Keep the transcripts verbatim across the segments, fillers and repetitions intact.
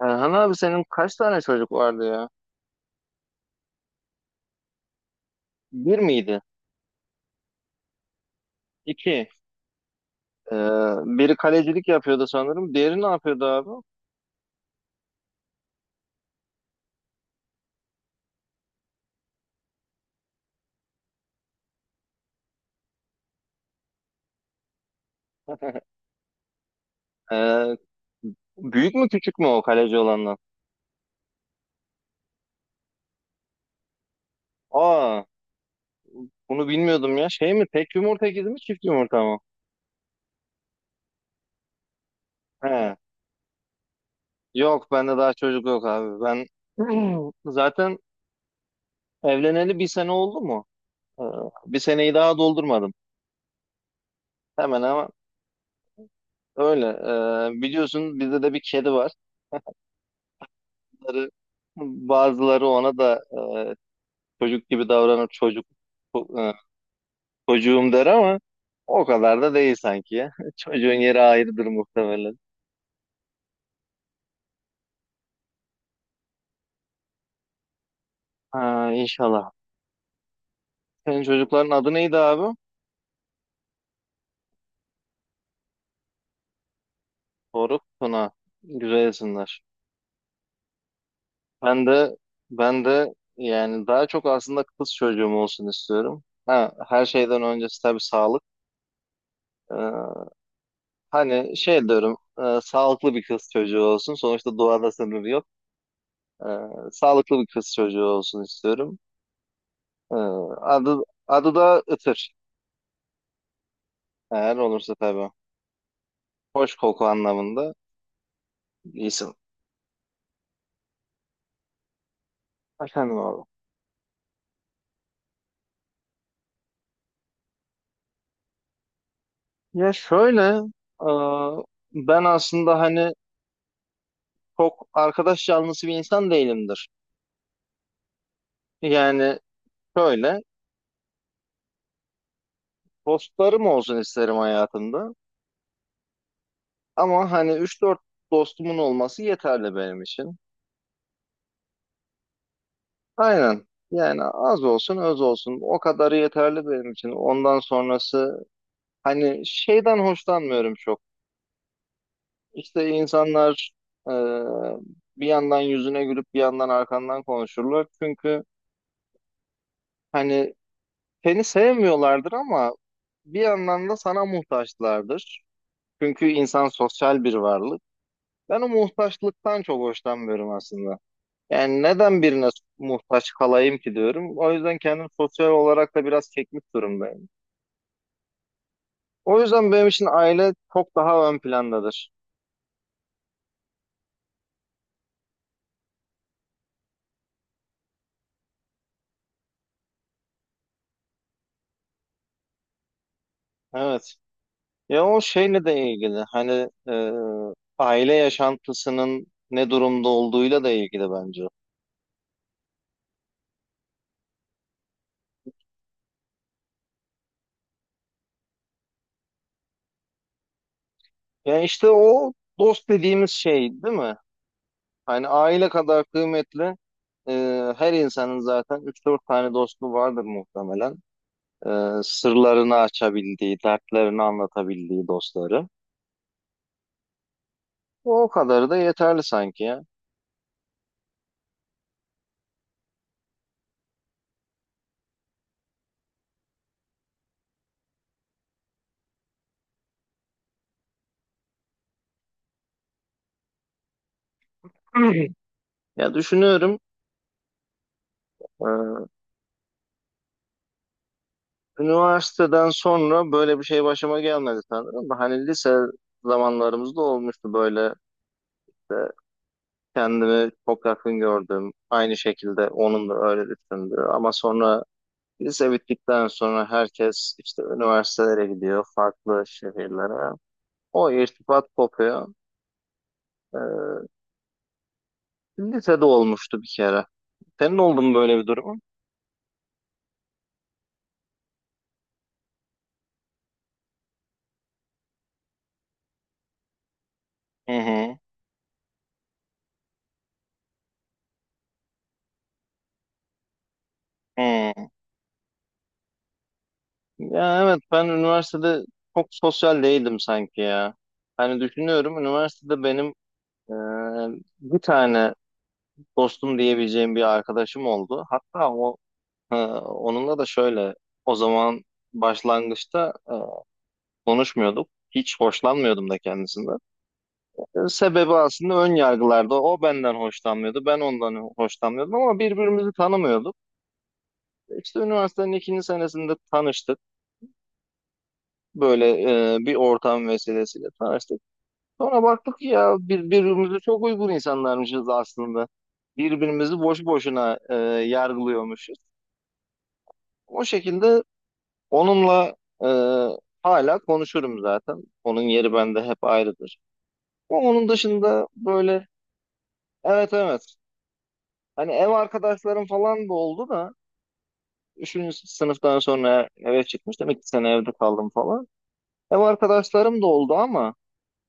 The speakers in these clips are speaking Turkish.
Erhan abi, senin kaç tane çocuk vardı ya? Bir miydi? İki. Ee, biri kalecilik yapıyordu sanırım. Diğeri ne yapıyordu abi? Ee, büyük mü küçük mü o kaleci olandan? Aa, bunu bilmiyordum ya. Şey mi? Tek yumurta ikizi mi? Çift yumurta mı? He. Yok, bende daha çocuk yok abi. Ben zaten evleneli bir sene oldu mu? Ee, bir seneyi daha doldurmadım. Hemen ama öyle. Ee, biliyorsun bizde de bir kedi var. Bunları- Bazıları ona da e, Çocuk gibi davranıp çocuk e, çocuğum der ama o kadar da değil sanki ya. Çocuğun yeri ayrıdır muhtemelen. Ha, inşallah. Senin çocukların adı neydi abi? Doruk, Tuna. Güzel isimler. Ben de ben de yani daha çok aslında kız çocuğum olsun istiyorum. Ha, her şeyden öncesi tabii sağlık. Ee, hani şey diyorum, e, sağlıklı bir kız çocuğu olsun. Sonuçta doğada sınır yok. Ee, sağlıklı bir kız çocuğu olsun istiyorum. Ee, adı, adı da Itır. Eğer olursa tabii. Hoş koku anlamında bir isim. Efendim abi. Ya şöyle, e, ben aslında hani çok arkadaş canlısı bir insan değilimdir. Yani şöyle, dostlarım olsun isterim hayatımda. Ama hani üç dört dostumun olması yeterli benim için. Aynen. Yani az olsun, öz olsun. O kadarı yeterli benim için. Ondan sonrası hani şeyden hoşlanmıyorum çok. İşte insanlar e, bir yandan yüzüne gülüp bir yandan arkandan konuşurlar. Çünkü hani seni sevmiyorlardır ama bir yandan da sana muhtaçlardır. Çünkü insan sosyal bir varlık. Ben o muhtaçlıktan çok hoşlanmıyorum aslında. Yani neden birine muhtaç kalayım ki diyorum. O yüzden kendim sosyal olarak da biraz çekmiş durumdayım. O yüzden benim için aile çok daha ön plandadır. Evet. Ya, o şeyle de ilgili hani e, aile yaşantısının ne durumda olduğuyla da ilgili bence. Ya işte o dost dediğimiz şey değil mi? Hani aile kadar kıymetli, e, her insanın zaten üç dört tane dostu vardır muhtemelen. E, sırlarını açabildiği, dertlerini anlatabildiği dostları. O kadarı da yeterli sanki ya. Ya, düşünüyorum. e, Üniversiteden sonra böyle bir şey başıma gelmedi sanırım da hani lise zamanlarımızda olmuştu böyle, işte kendimi çok yakın gördüm. Aynı şekilde onun da öyle düşündü ama sonra lise bittikten sonra herkes işte üniversitelere gidiyor farklı şehirlere. O irtibat kopuyor. Ee, lisede olmuştu bir kere. Senin oldu mu böyle bir durumun? Hı hı. Hı. Ya evet, ben üniversitede çok sosyal değildim sanki ya. Hani düşünüyorum, üniversitede benim e, bir tane dostum diyebileceğim bir arkadaşım oldu. Hatta o e, onunla da şöyle, o zaman başlangıçta e, konuşmuyorduk. Hiç hoşlanmıyordum da kendisinden. E, sebebi aslında ön yargılarda. O benden hoşlanmıyordu, ben ondan hoşlanmıyordum ama birbirimizi tanımıyorduk. İşte üniversitenin ikinci senesinde tanıştık. Böyle e, bir ortam vesilesiyle tanıştık. Sonra baktık ki ya, bir- birbirimize çok uygun insanlarmışız aslında. Birbirimizi boş boşuna e, yargılıyormuşuz. O şekilde onunla e, hala konuşurum zaten. Onun yeri bende hep ayrıdır. Ama onun dışında böyle, evet evet. Hani ev arkadaşlarım falan da oldu da üçüncü sınıftan sonra eve çıkmıştım. iki sene evde kaldım falan. Ev arkadaşlarım da oldu ama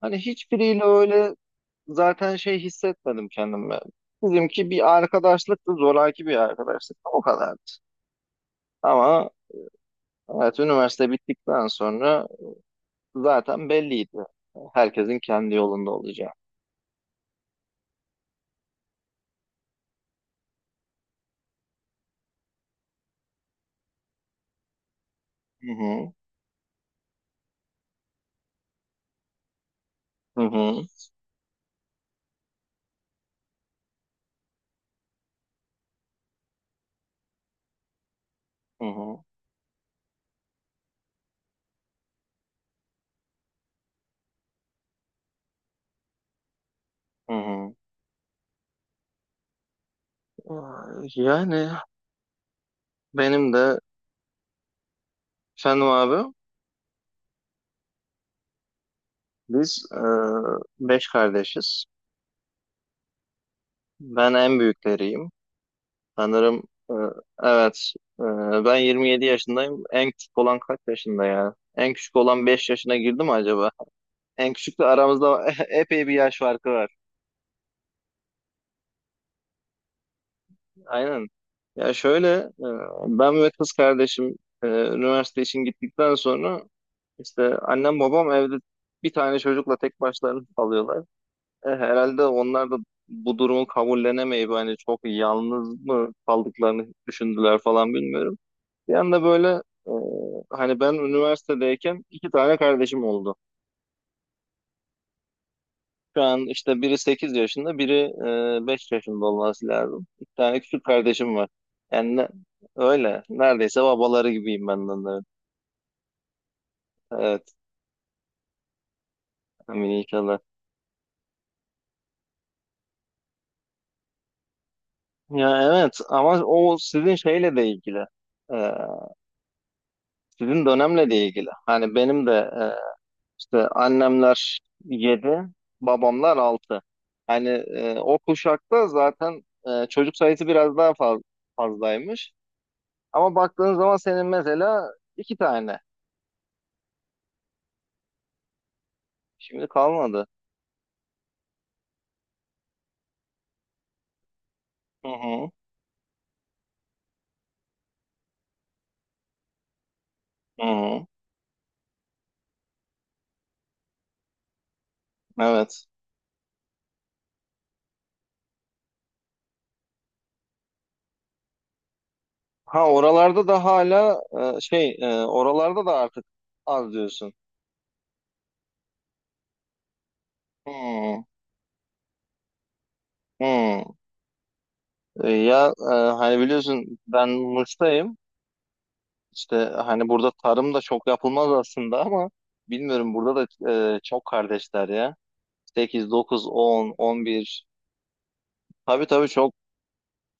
hani hiçbiriyle öyle zaten şey hissetmedim kendimi. Bizimki bir arkadaşlıktı, zoraki bir arkadaşlık. O kadar. Ama evet, üniversite bittikten sonra zaten belliydi, herkesin kendi yolunda olacağı. Hı hı, hı hı, hı hı, hı hı. Yani benim de, Fenu abi, biz e, beş kardeşiz. Ben en büyükleriyim. Sanırım e, evet. E, ben yirmi yedi yaşındayım. En küçük olan kaç yaşında ya? En küçük olan beş yaşına girdi mi acaba? En küçükle aramızda epey bir yaş farkı var. Aynen. Ya şöyle, e, ben ve kız kardeşim e, üniversite için gittikten sonra, işte annem babam evde bir tane çocukla tek başlarına kalıyorlar. E, herhalde onlar da bu durumu kabullenemeyip hani çok yalnız mı kaldıklarını düşündüler falan, bilmiyorum. Bir anda böyle e, hani ben üniversitedeyken iki tane kardeşim oldu. Şu an işte biri sekiz yaşında, biri e, beş yaşında olması lazım. İki tane küçük kardeşim var. Yani ne- öyle. Neredeyse babaları gibiyim ben de onların. Evet. Amin inşallah. Ya evet, ama o sizin şeyle de ilgili. E, sizin dönemle de ilgili. Hani benim de e, İşte annemler yedi, babamlar altı. Hani e, o kuşakta zaten e, çocuk sayısı biraz daha faz- fazlaymış. Ama baktığın zaman senin mesela iki tane. Şimdi kalmadı. Hı hı. Hı hı. Evet. Ha, oralarda da hala, e, şey e, oralarda da artık az diyorsun. Hı hı. E, ya e, hani biliyorsun, ben Mısır'dayım. İşte hani burada tarım da çok yapılmaz aslında ama bilmiyorum, burada da e, çok kardeşler ya. Sekiz, dokuz, on, on bir. Tabii tabii, çok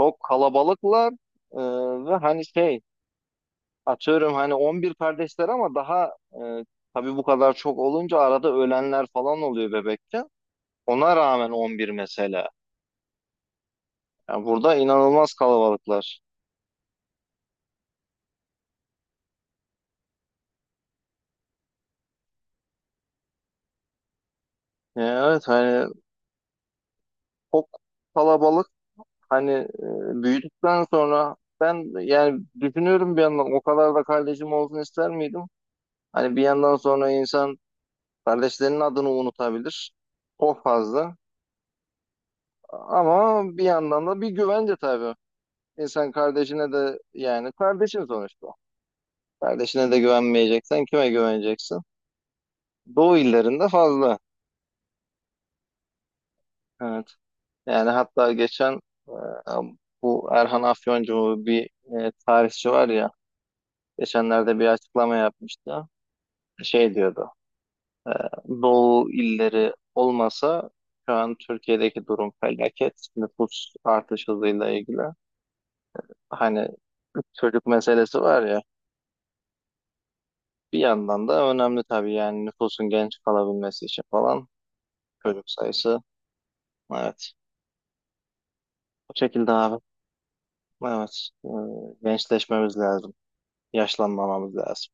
çok kalabalıklar. E, ve hani şey, atıyorum hani on bir kardeşler ama daha e, tabii bu kadar çok olunca arada ölenler falan oluyor bebekte. Ona rağmen on bir mesela. Yani burada inanılmaz kalabalıklar. E, evet, hani çok kalabalık. Hani e, büyüdükten sonra ben yani düşünüyorum, bir yandan o kadar da kardeşim olsun ister miydim? Hani bir yandan sonra insan kardeşlerinin adını unutabilir. Çok fazla. Ama bir yandan da bir güvence tabii. İnsan kardeşine de, yani kardeşin sonuçta. Kardeşine de güvenmeyeceksen kime güveneceksin? Doğu illerinde fazla. Evet. Yani hatta geçen e, bu Erhan Afyoncu, bir e, tarihçi var ya, geçenlerde bir açıklama yapmıştı. Şey diyordu. e, Doğu illeri olmasa şu an Türkiye'deki durum felaket. Nüfus artış hızıyla ilgili. Hani çocuk meselesi var ya. Bir yandan da önemli tabii, yani nüfusun genç kalabilmesi için falan çocuk sayısı. Evet. Bu şekilde abi. Evet. e, Gençleşmemiz lazım. Yaşlanmamamız lazım.